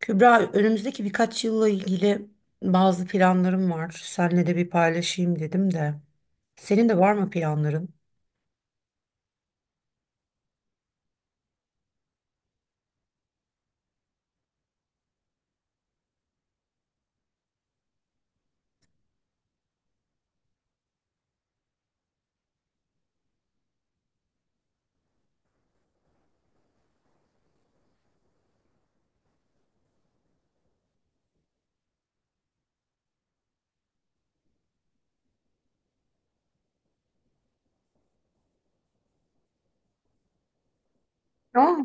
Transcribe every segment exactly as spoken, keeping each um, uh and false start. Kübra, önümüzdeki birkaç yılla ilgili bazı planlarım var. Seninle de bir paylaşayım dedim de. Senin de var mı planların? Aa,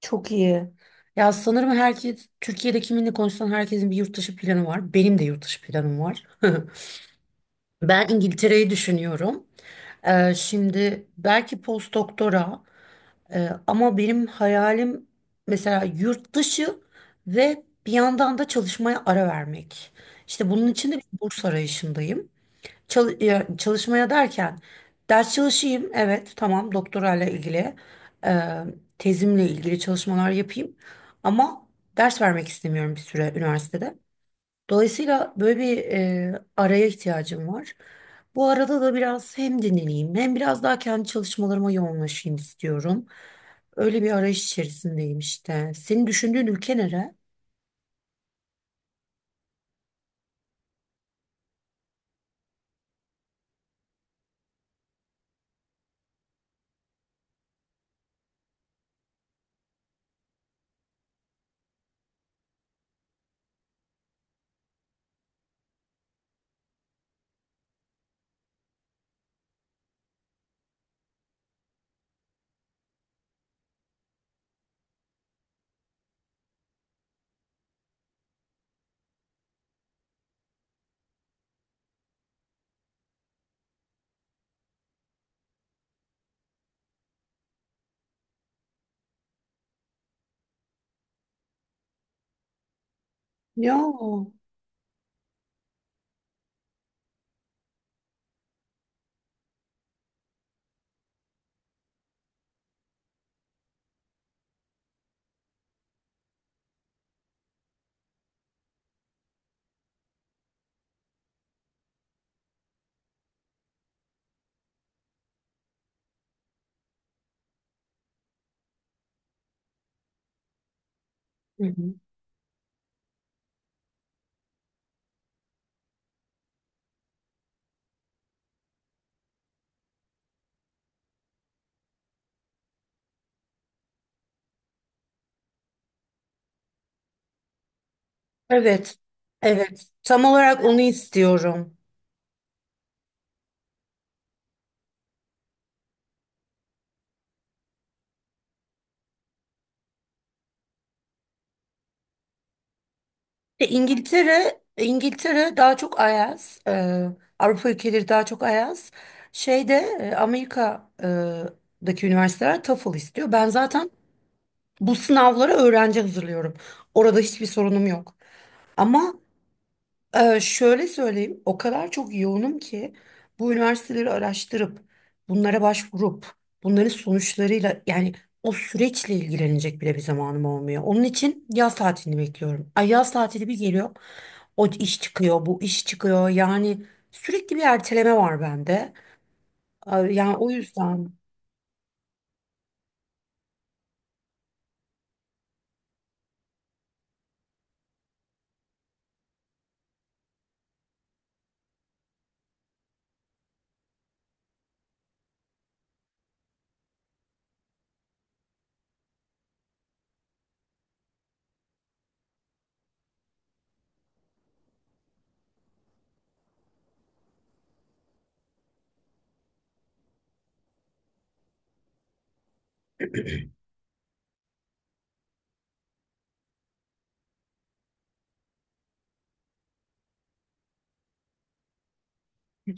çok iyi. Ya sanırım herkes, Türkiye'de kiminle konuşsan herkesin bir yurt dışı planı var. Benim de yurt dışı planım var. Ben İngiltere'yi düşünüyorum. Ee, şimdi belki post doktora Ee, ama benim hayalim mesela yurt dışı ve bir yandan da çalışmaya ara vermek. İşte bunun için de bir burs arayışındayım. Çal- ya, çalışmaya derken ders çalışayım, evet tamam doktorayla ilgili, e, tezimle ilgili çalışmalar yapayım. Ama ders vermek istemiyorum bir süre üniversitede. Dolayısıyla böyle bir e, araya ihtiyacım var. Bu arada da biraz hem dinleneyim hem biraz daha kendi çalışmalarıma yoğunlaşayım istiyorum. Öyle bir arayış içerisindeyim işte. Senin düşündüğün ülke nere? Ya. Hı hı. Evet. Evet. Tam olarak onu istiyorum. E, İngiltere, İngiltere daha çok ayaz. e, Avrupa ülkeleri daha çok ayaz. Şeyde e, Amerika'daki üniversiteler TOEFL istiyor. Ben zaten bu sınavlara öğrenci hazırlıyorum. Orada hiçbir sorunum yok. Ama e, şöyle söyleyeyim, o kadar çok yoğunum ki bu üniversiteleri araştırıp, bunlara başvurup, bunların sonuçlarıyla yani o süreçle ilgilenecek bile bir zamanım olmuyor. Onun için yaz tatilini bekliyorum. Ay yaz tatili bir geliyor, o iş çıkıyor, bu iş çıkıyor. Yani sürekli bir erteleme var bende. Ay, yani o yüzden.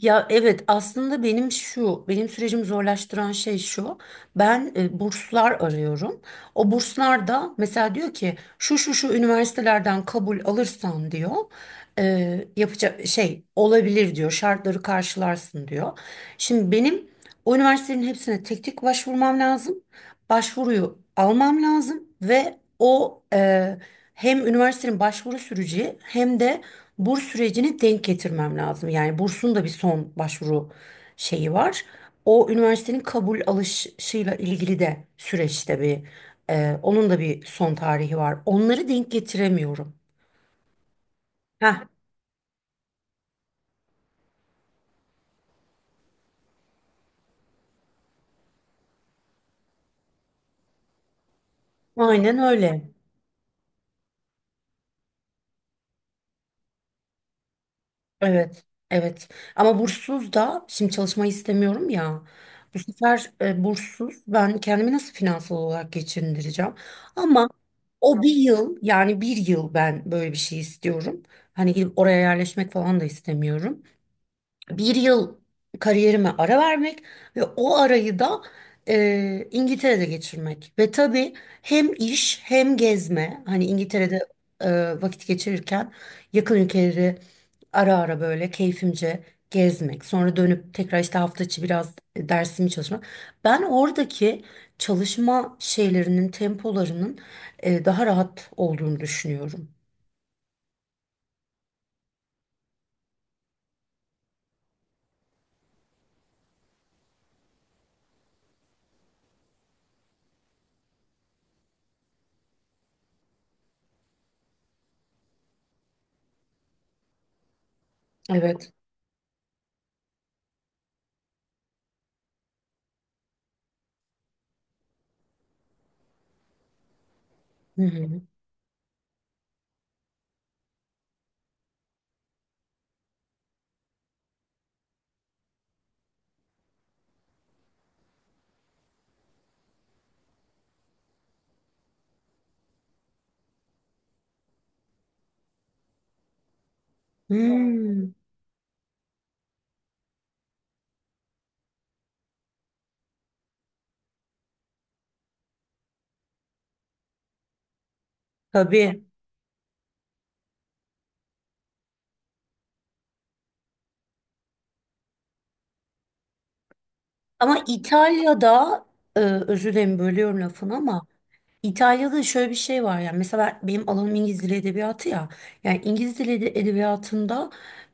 Ya evet aslında benim şu benim sürecimi zorlaştıran şey şu, ben e, burslar arıyorum, o burslar da mesela diyor ki şu şu şu üniversitelerden kabul alırsan diyor, e, yapacak şey olabilir diyor, şartları karşılarsın diyor. Şimdi benim o üniversitelerin hepsine tek tek başvurmam lazım, başvuruyu almam lazım ve o e, hem üniversitenin başvuru süreci hem de burs sürecini denk getirmem lazım. Yani bursun da bir son başvuru şeyi var. O üniversitenin kabul alışıyla ilgili de süreçte bir e, onun da bir son tarihi var. Onları denk getiremiyorum. Heh, aynen öyle. Evet, evet. Ama burssuz da şimdi çalışmayı istemiyorum ya. Bu sefer e, burssuz ben kendimi nasıl finansal olarak geçindireceğim? Ama o bir yıl yani bir yıl ben böyle bir şey istiyorum. Hani gidip oraya yerleşmek falan da istemiyorum, bir yıl kariyerime ara vermek ve o arayı da e, İngiltere'de geçirmek. Ve tabii hem iş hem gezme. Hani İngiltere'de e, vakit geçirirken yakın ülkeleri ara ara böyle keyfimce gezmek. Sonra dönüp tekrar işte hafta içi biraz dersimi çalışmak. Ben oradaki çalışma şeylerinin, tempolarının e, daha rahat olduğunu düşünüyorum. Evet. Hı hı. Hmm. Tabii. Ama İtalya'da e, özür dilerim bölüyorum lafını ama İtalya'da şöyle bir şey var, yani mesela ben- benim alanım İngiliz Dili Edebiyatı ya, yani İngiliz Dili Ede- Edebiyatı'nda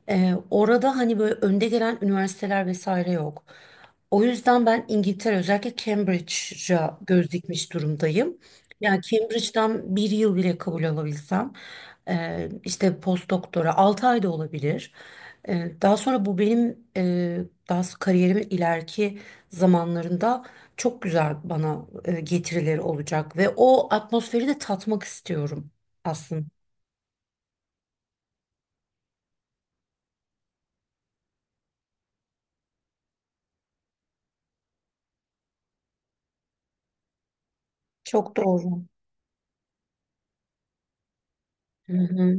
e, orada hani böyle önde gelen üniversiteler vesaire yok. O yüzden ben İngiltere özellikle Cambridge'a göz dikmiş durumdayım. Yani Cambridge'den bir yıl bile kabul alabilsem e, işte post doktora altı ay da olabilir. E, daha sonra bu benim e, daha s- kariyerimin ileriki zamanlarında çok güzel bana e, getirileri olacak ve o atmosferi de tatmak istiyorum aslında. Çok doğru. Hı hı.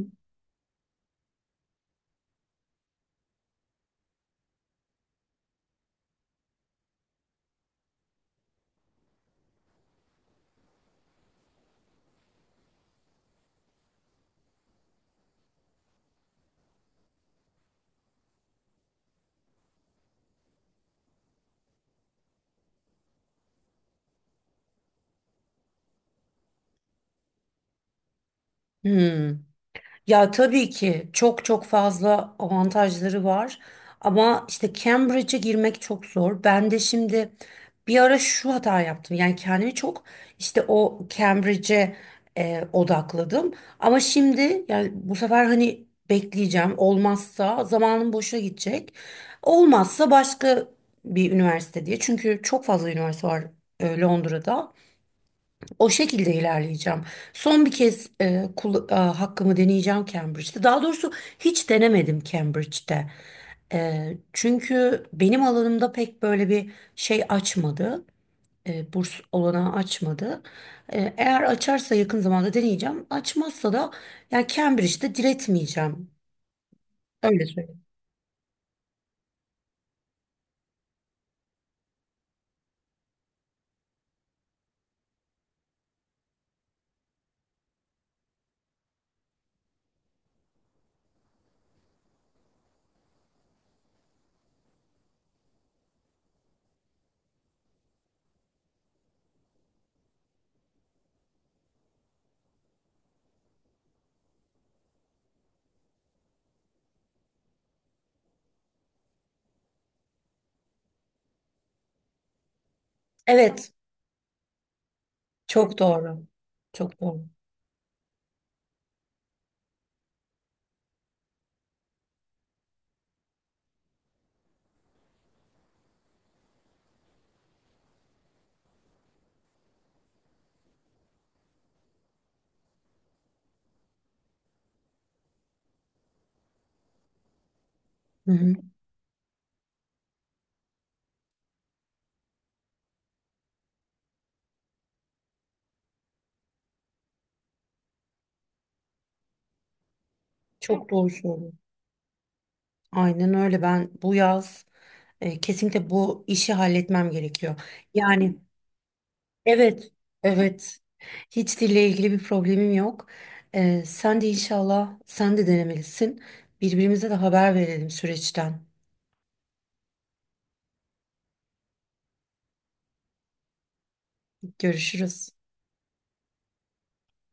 Hı. Ya tabii ki çok çok fazla avantajları var ama işte Cambridge'e girmek çok zor. Ben de şimdi bir ara şu hata yaptım. Yani kendimi çok işte o Cambridge'e e, odakladım. Ama şimdi yani bu sefer hani bekleyeceğim. Olmazsa zamanım boşa gidecek. Olmazsa başka bir üniversite diye. Çünkü çok fazla üniversite var e, Londra'da. O şekilde ilerleyeceğim. Son bir kez e, kul- e, hakkımı deneyeceğim Cambridge'de. Daha doğrusu hiç denemedim Cambridge'de. E, çünkü benim alanımda pek böyle bir şey açmadı. E, burs olanağı açmadı. E, eğer açarsa yakın zamanda deneyeceğim. Açmazsa da yani Cambridge'de diretmeyeceğim. Öyle söyleyeyim. Evet, çok doğru. Çok doğru. Hı hı. Çok doğru söylüyorsun. Aynen öyle. Ben bu yaz e, kesinlikle bu işi halletmem gerekiyor. Yani evet, evet. Hiç dille ilgili bir problemim yok. E, sen de inşallah sen de denemelisin. Birbirimize de haber verelim süreçten. Görüşürüz.